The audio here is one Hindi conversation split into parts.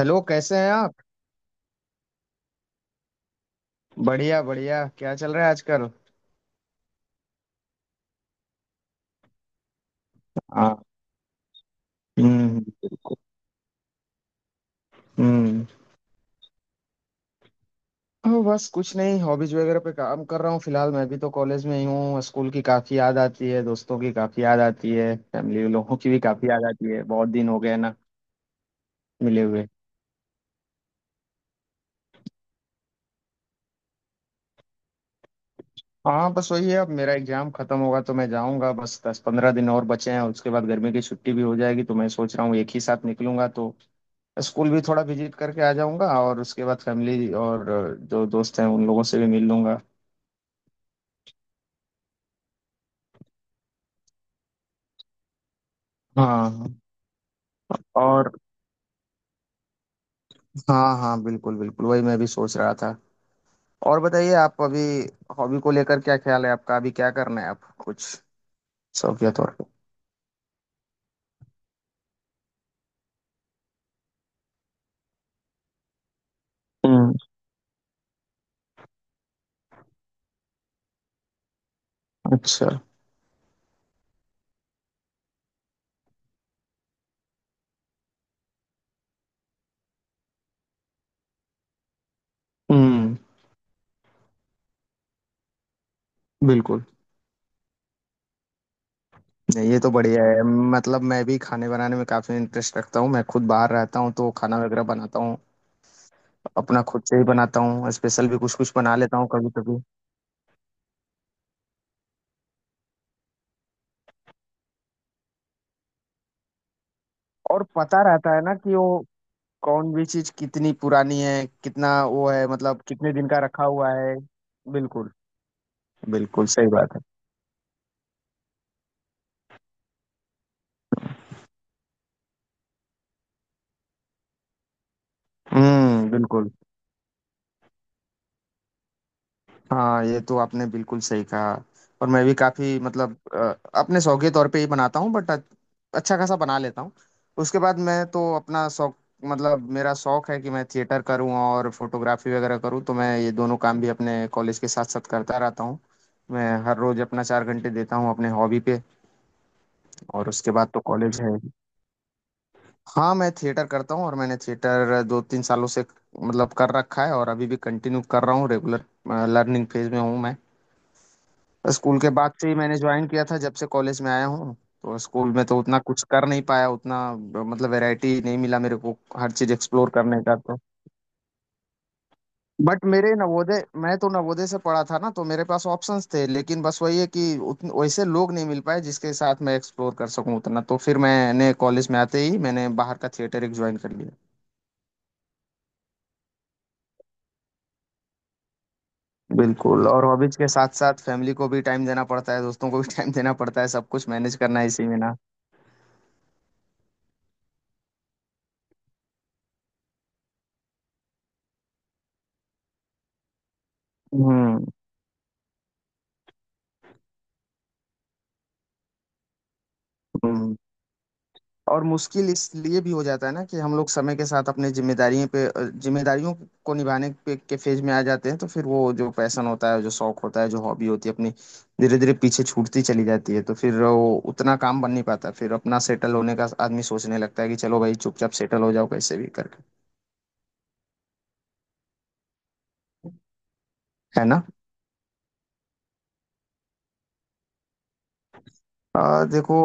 हेलो, कैसे हैं आप? बढ़िया बढ़िया, क्या चल रहा है आजकल? हाँ। हम्म। हम्म। बस कुछ नहीं, हॉबीज वगैरह पे काम कर रहा हूँ फिलहाल। मैं भी तो कॉलेज में ही हूँ। स्कूल की काफी याद आती है, दोस्तों की काफी याद आती है, फैमिली लोगों की भी काफी याद आती है। बहुत दिन हो गए ना मिले हुए। हाँ, बस वही है, अब मेरा एग्जाम खत्म होगा तो मैं जाऊंगा। बस 10-15 दिन और बचे हैं, उसके बाद गर्मी की छुट्टी भी हो जाएगी, तो मैं सोच रहा हूँ एक ही साथ निकलूंगा। तो स्कूल भी थोड़ा विजिट करके आ जाऊंगा और उसके बाद फैमिली और जो दोस्त हैं उन लोगों से भी मिल लूंगा। हाँ। और हाँ हाँ बिल्कुल बिल्कुल, वही मैं भी सोच रहा था। और बताइए, आप अभी हॉबी को लेकर क्या ख्याल है आपका? अभी क्या करना है आप कुछ शौकिया तौर पे? हम्म। अच्छा। हम्म। बिल्कुल। नहीं, ये तो बढ़िया है। मतलब मैं भी खाने बनाने में काफी इंटरेस्ट रखता हूँ। मैं खुद बाहर रहता हूँ तो खाना वगैरह बनाता हूँ। अपना खुद से ही बनाता हूँ। स्पेशल भी कुछ कुछ बना लेता हूँ कभी कभी। और पता रहता है ना कि वो कौन भी चीज कितनी पुरानी है, कितना वो है, मतलब कितने दिन का रखा हुआ है। बिल्कुल, बिल्कुल सही बात है। हम्म, बिल्कुल। हाँ, ये तो आपने बिल्कुल सही कहा। और मैं भी काफी, मतलब अपने शौक के तौर पे ही बनाता हूँ बट अच्छा खासा बना लेता हूँ। उसके बाद मैं तो अपना शौक, मतलब मेरा शौक है कि मैं थिएटर करूँ और फोटोग्राफी वगैरह करूँ, तो मैं ये दोनों काम भी अपने कॉलेज के साथ साथ करता रहता हूँ। मैं हर रोज अपना 4 घंटे देता हूँ अपने हॉबी पे। और उसके बाद तो कॉलेज है। हाँ, मैं थिएटर करता हूँ और मैंने थिएटर 2-3 सालों से, मतलब, कर रखा है और अभी भी कंटिन्यू कर रहा हूँ रेगुलर। लर्निंग फेज में हूँ मैं। स्कूल के बाद से ही मैंने ज्वाइन किया था, जब से कॉलेज में आया हूँ। तो स्कूल में तो उतना कुछ कर नहीं पाया, उतना मतलब वैरायटी नहीं मिला मेरे को हर चीज एक्सप्लोर करने का। तो बट मेरे नवोदय, मैं तो नवोदय से पढ़ा था ना, तो मेरे पास ऑप्शंस थे, लेकिन बस वही है कि वैसे लोग नहीं मिल पाए जिसके साथ मैं एक्सप्लोर कर सकूं उतना। तो फिर मैंने कॉलेज में आते ही मैंने बाहर का थिएटर एक ज्वाइन कर लिया। बिल्कुल। और हॉबीज के साथ साथ फैमिली को भी टाइम देना पड़ता है, दोस्तों को भी टाइम देना पड़ता है। सब कुछ मैनेज करना है इसी में ना। हम्म। हम्म। और मुश्किल इसलिए भी हो जाता है ना कि हम लोग समय के साथ अपने जिम्मेदारियों पे, जिम्मेदारियों को निभाने पे के फेज में आ जाते हैं। तो फिर वो जो पैशन होता है, जो शौक होता है, जो हॉबी होती है अपनी, धीरे धीरे पीछे छूटती चली जाती है। तो फिर वो उतना काम बन नहीं पाता। फिर अपना सेटल होने का आदमी सोचने लगता है कि चलो भाई चुपचाप सेटल हो जाओ कैसे भी करके, है ना। देखो,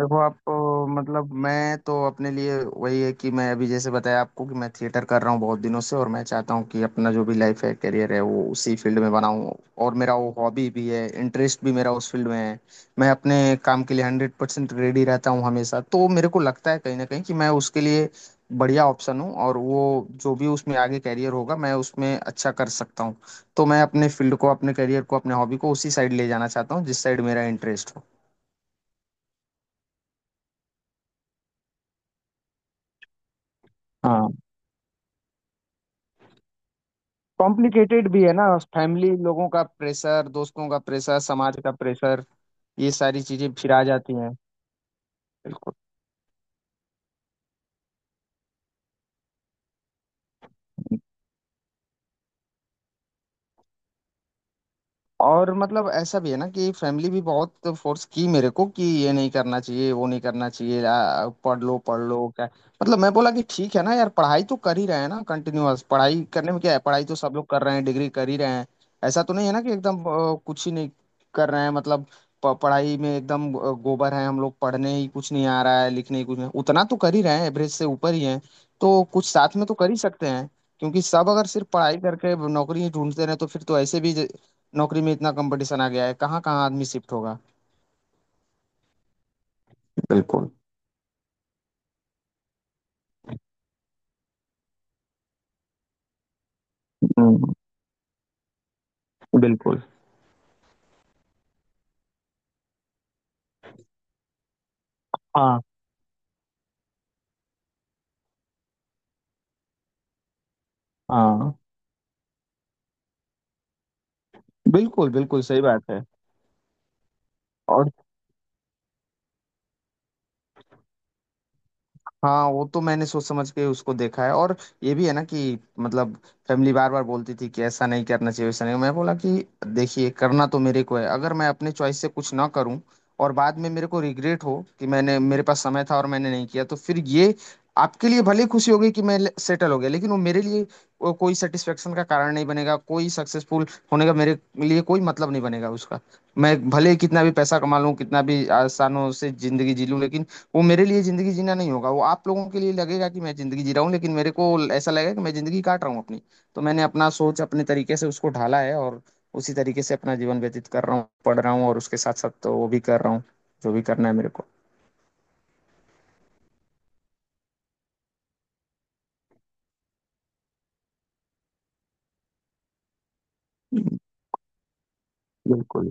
देखो आप, मतलब मैं तो अपने लिए वही है कि मैं अभी जैसे बताया आपको कि मैं थिएटर कर रहा हूँ बहुत दिनों से और मैं चाहता हूँ कि अपना जो भी लाइफ है, करियर है, वो उसी फील्ड में बनाऊँ। और मेरा वो हॉबी भी है, इंटरेस्ट भी मेरा उस फील्ड में है। मैं अपने काम के लिए 100% रेडी रहता हूँ हमेशा, तो मेरे को लगता है कहीं ना कहीं कि मैं उसके लिए बढ़िया ऑप्शन हूँ और वो जो भी उसमें आगे कैरियर होगा, मैं उसमें अच्छा कर सकता हूँ। तो मैं अपने फील्ड को, अपने करियर को, अपने हॉबी को उसी साइड ले जाना चाहता हूँ जिस साइड मेरा इंटरेस्ट हो। हाँ, कॉम्प्लिकेटेड भी है ना। फैमिली लोगों का प्रेशर, दोस्तों का प्रेशर, समाज का प्रेशर, ये सारी चीजें फिर आ जाती हैं। बिल्कुल। और मतलब ऐसा भी है ना कि फैमिली भी बहुत फोर्स की मेरे को कि ये नहीं करना चाहिए, वो नहीं करना चाहिए, पढ़ लो क्या। मतलब मैं बोला कि ठीक है ना यार, पढ़ाई तो कर ही रहे हैं ना कंटिन्यूअस। पढ़ाई करने में क्या है, पढ़ाई तो सब लोग कर रहे हैं, डिग्री कर ही रहे हैं। ऐसा तो नहीं है ना कि एकदम कुछ ही नहीं कर रहे हैं। मतलब पढ़ाई में एकदम गोबर है हम लोग, पढ़ने ही कुछ नहीं आ रहा है, लिखने ही कुछ नहीं। उतना तो कर ही रहे हैं, एवरेज से ऊपर ही है। तो कुछ साथ में तो कर ही सकते हैं, क्योंकि सब अगर सिर्फ पढ़ाई करके नौकरी ही ढूंढते रहे तो फिर तो ऐसे भी नौकरी में इतना कंपटीशन आ गया है, कहाँ कहाँ आदमी शिफ्ट होगा। बिल्कुल। हम्म, बिल्कुल। हाँ। हाँ बिल्कुल बिल्कुल सही बात है। और हाँ, वो तो मैंने सोच समझ के उसको देखा है। और ये भी है ना कि मतलब फैमिली बार बार बोलती थी कि ऐसा नहीं करना चाहिए, वैसा नहीं। मैं बोला कि देखिए, करना तो मेरे को है। अगर मैं अपने चॉइस से कुछ ना करूं और बाद में मेरे को रिग्रेट हो कि मैंने, मेरे पास समय था और मैंने नहीं किया, तो फिर ये आपके लिए भले खुशी होगी कि मैं सेटल हो गया, लेकिन वो मेरे लिए, वो कोई सेटिस्फेक्शन का कारण नहीं बनेगा, कोई सक्सेसफुल होने का मेरे लिए कोई मतलब नहीं बनेगा उसका। मैं भले कितना भी पैसा कमा लूं, कितना भी आसानों से जिंदगी जी लूं, लेकिन वो मेरे लिए जिंदगी जीना नहीं होगा। वो आप लोगों के लिए लगेगा कि मैं जिंदगी जी रहा हूँ, लेकिन मेरे को ऐसा लगेगा कि मैं जिंदगी काट रहा हूँ अपनी। तो मैंने अपना सोच अपने तरीके से उसको ढाला है और उसी तरीके से अपना जीवन व्यतीत कर रहा हूँ, पढ़ रहा हूँ और उसके साथ साथ तो वो भी कर रहा हूँ जो भी करना है मेरे को। बिल्कुल।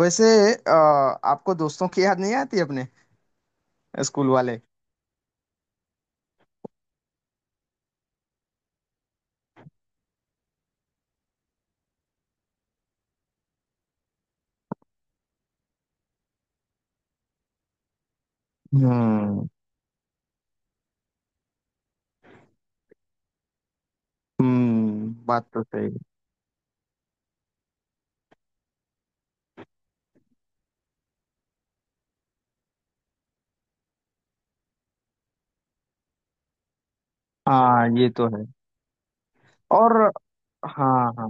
वैसे, अ, आपको दोस्तों की याद नहीं आती अपने स्कूल वाले? हम्म। हम्म, बात तो सही है। हाँ, ये तो है। और हाँ हाँ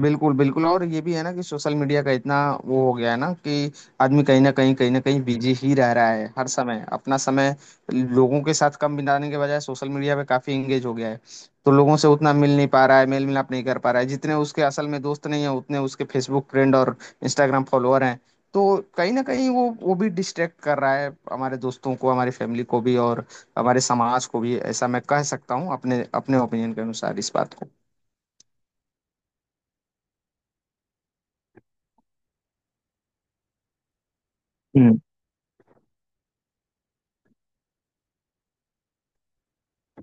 बिल्कुल बिल्कुल। और ये भी है ना कि सोशल मीडिया का इतना वो हो गया है ना कि आदमी कहीं ना कहीं, कहीं ना कहीं बिजी ही रह रहा है हर समय। अपना समय लोगों के साथ कम बिताने के बजाय सोशल मीडिया पे काफी एंगेज हो गया है। तो लोगों से उतना मिल नहीं पा रहा है, मेल मिलाप नहीं कर पा रहा है। जितने उसके असल में दोस्त नहीं है उतने उसके फेसबुक फ्रेंड और इंस्टाग्राम फॉलोअर हैं। तो कहीं ना कहीं वो भी डिस्ट्रैक्ट कर रहा है हमारे दोस्तों को, हमारी फैमिली को भी और हमारे समाज को भी, ऐसा मैं कह सकता हूँ अपने अपने ओपिनियन के अनुसार इस बात को। हम्म।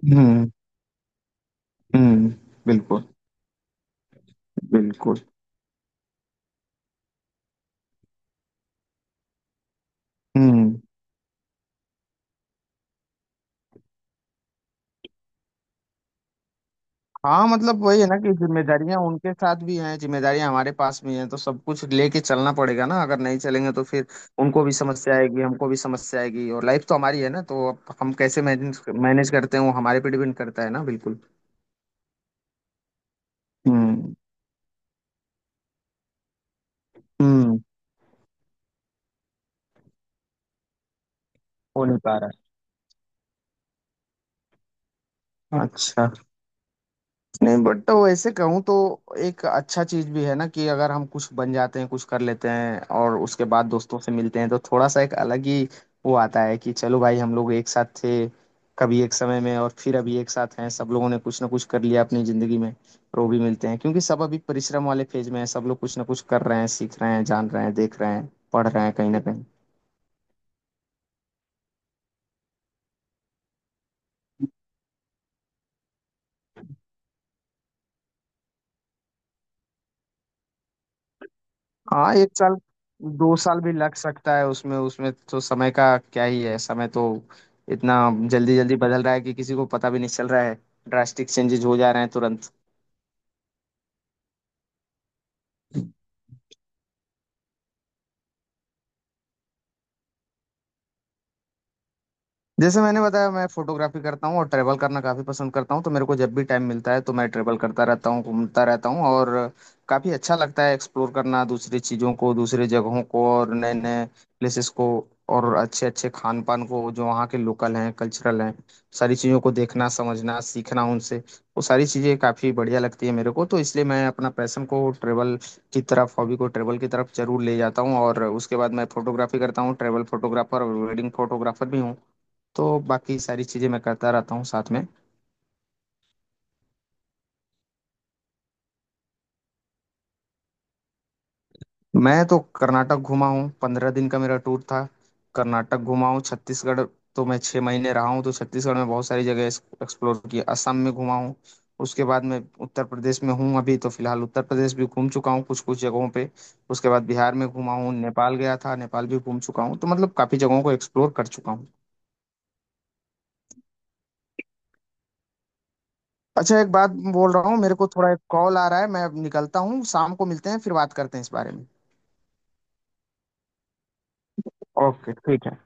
हम्म। हम्म। बिल्कुल। बिल्कुल। हम्म। हाँ, मतलब वही है ना कि जिम्मेदारियां उनके साथ भी हैं, जिम्मेदारियां हमारे पास भी हैं, तो सब कुछ लेके चलना पड़ेगा ना। अगर नहीं चलेंगे तो फिर उनको भी समस्या आएगी, हमको भी समस्या आएगी। और लाइफ तो हमारी है ना, तो अब हम कैसे मैनेज मैनेज करते हैं वो हमारे पे डिपेंड करता है ना। बिल्कुल। हम्म। हम्म। हो नहीं पा रहा है, अच्छा। नहीं बट वैसे कहूँ तो एक अच्छा चीज भी है ना कि अगर हम कुछ बन जाते हैं, कुछ कर लेते हैं और उसके बाद दोस्तों से मिलते हैं, तो थोड़ा सा एक अलग ही वो आता है कि चलो भाई हम लोग एक साथ थे कभी एक समय में और फिर अभी एक साथ हैं। सब लोगों ने कुछ ना कुछ कर लिया अपनी जिंदगी में और वो भी मिलते हैं, क्योंकि सब अभी परिश्रम वाले फेज में है, सब लोग कुछ ना कुछ कर रहे हैं, सीख रहे हैं, जान रहे हैं, देख रहे हैं, पढ़ रहे हैं कहीं ना कहीं। हाँ, एक साल 2 साल भी लग सकता है उसमें। उसमें तो समय का क्या ही है, समय तो इतना जल्दी जल्दी बदल रहा है कि किसी को पता भी नहीं चल रहा है। ड्रास्टिक चेंजेस हो जा रहे हैं तुरंत। जैसे मैंने बताया, मैं फोटोग्राफी करता हूँ और ट्रैवल करना काफ़ी पसंद करता हूँ। तो मेरे को जब भी टाइम मिलता है तो मैं ट्रैवल करता रहता हूँ, घूमता रहता हूँ। और काफ़ी अच्छा लगता है एक्सप्लोर करना दूसरी चीज़ों को, दूसरी जगहों को और नए नए प्लेसेस को और अच्छे अच्छे खान पान को जो वहाँ के लोकल हैं, कल्चरल हैं। सारी चीज़ों को देखना, समझना, सीखना उनसे, वो सारी चीज़ें काफ़ी बढ़िया लगती है मेरे को, तो इसलिए मैं अपना पैशन को ट्रैवल की तरफ, हॉबी को ट्रैवल की तरफ जरूर ले जाता हूँ। और उसके बाद मैं फोटोग्राफी करता हूँ, ट्रैवल फोटोग्राफर और वेडिंग फोटोग्राफर भी हूँ। तो बाकी सारी चीज़ें मैं करता रहता हूँ साथ में। मैं तो कर्नाटक घूमा हूँ, 15 दिन का मेरा टूर था। कर्नाटक घूमा हूँ, छत्तीसगढ़ तो मैं 6 महीने रहा हूँ, तो छत्तीसगढ़ में बहुत सारी जगह एक्सप्लोर की। असम में घूमा हूँ, उसके बाद मैं उत्तर प्रदेश में हूँ अभी तो फिलहाल, उत्तर प्रदेश भी घूम चुका हूँ कुछ कुछ जगहों पे। उसके बाद बिहार में घूमा हूँ, नेपाल गया था, नेपाल भी घूम चुका हूँ। तो मतलब काफ़ी जगहों को एक्सप्लोर कर चुका हूँ। अच्छा, एक बात बोल रहा हूँ, मेरे को थोड़ा एक कॉल आ रहा है, मैं अब निकलता हूँ। शाम को मिलते हैं, फिर बात करते हैं इस बारे में। ओके, ठीक है।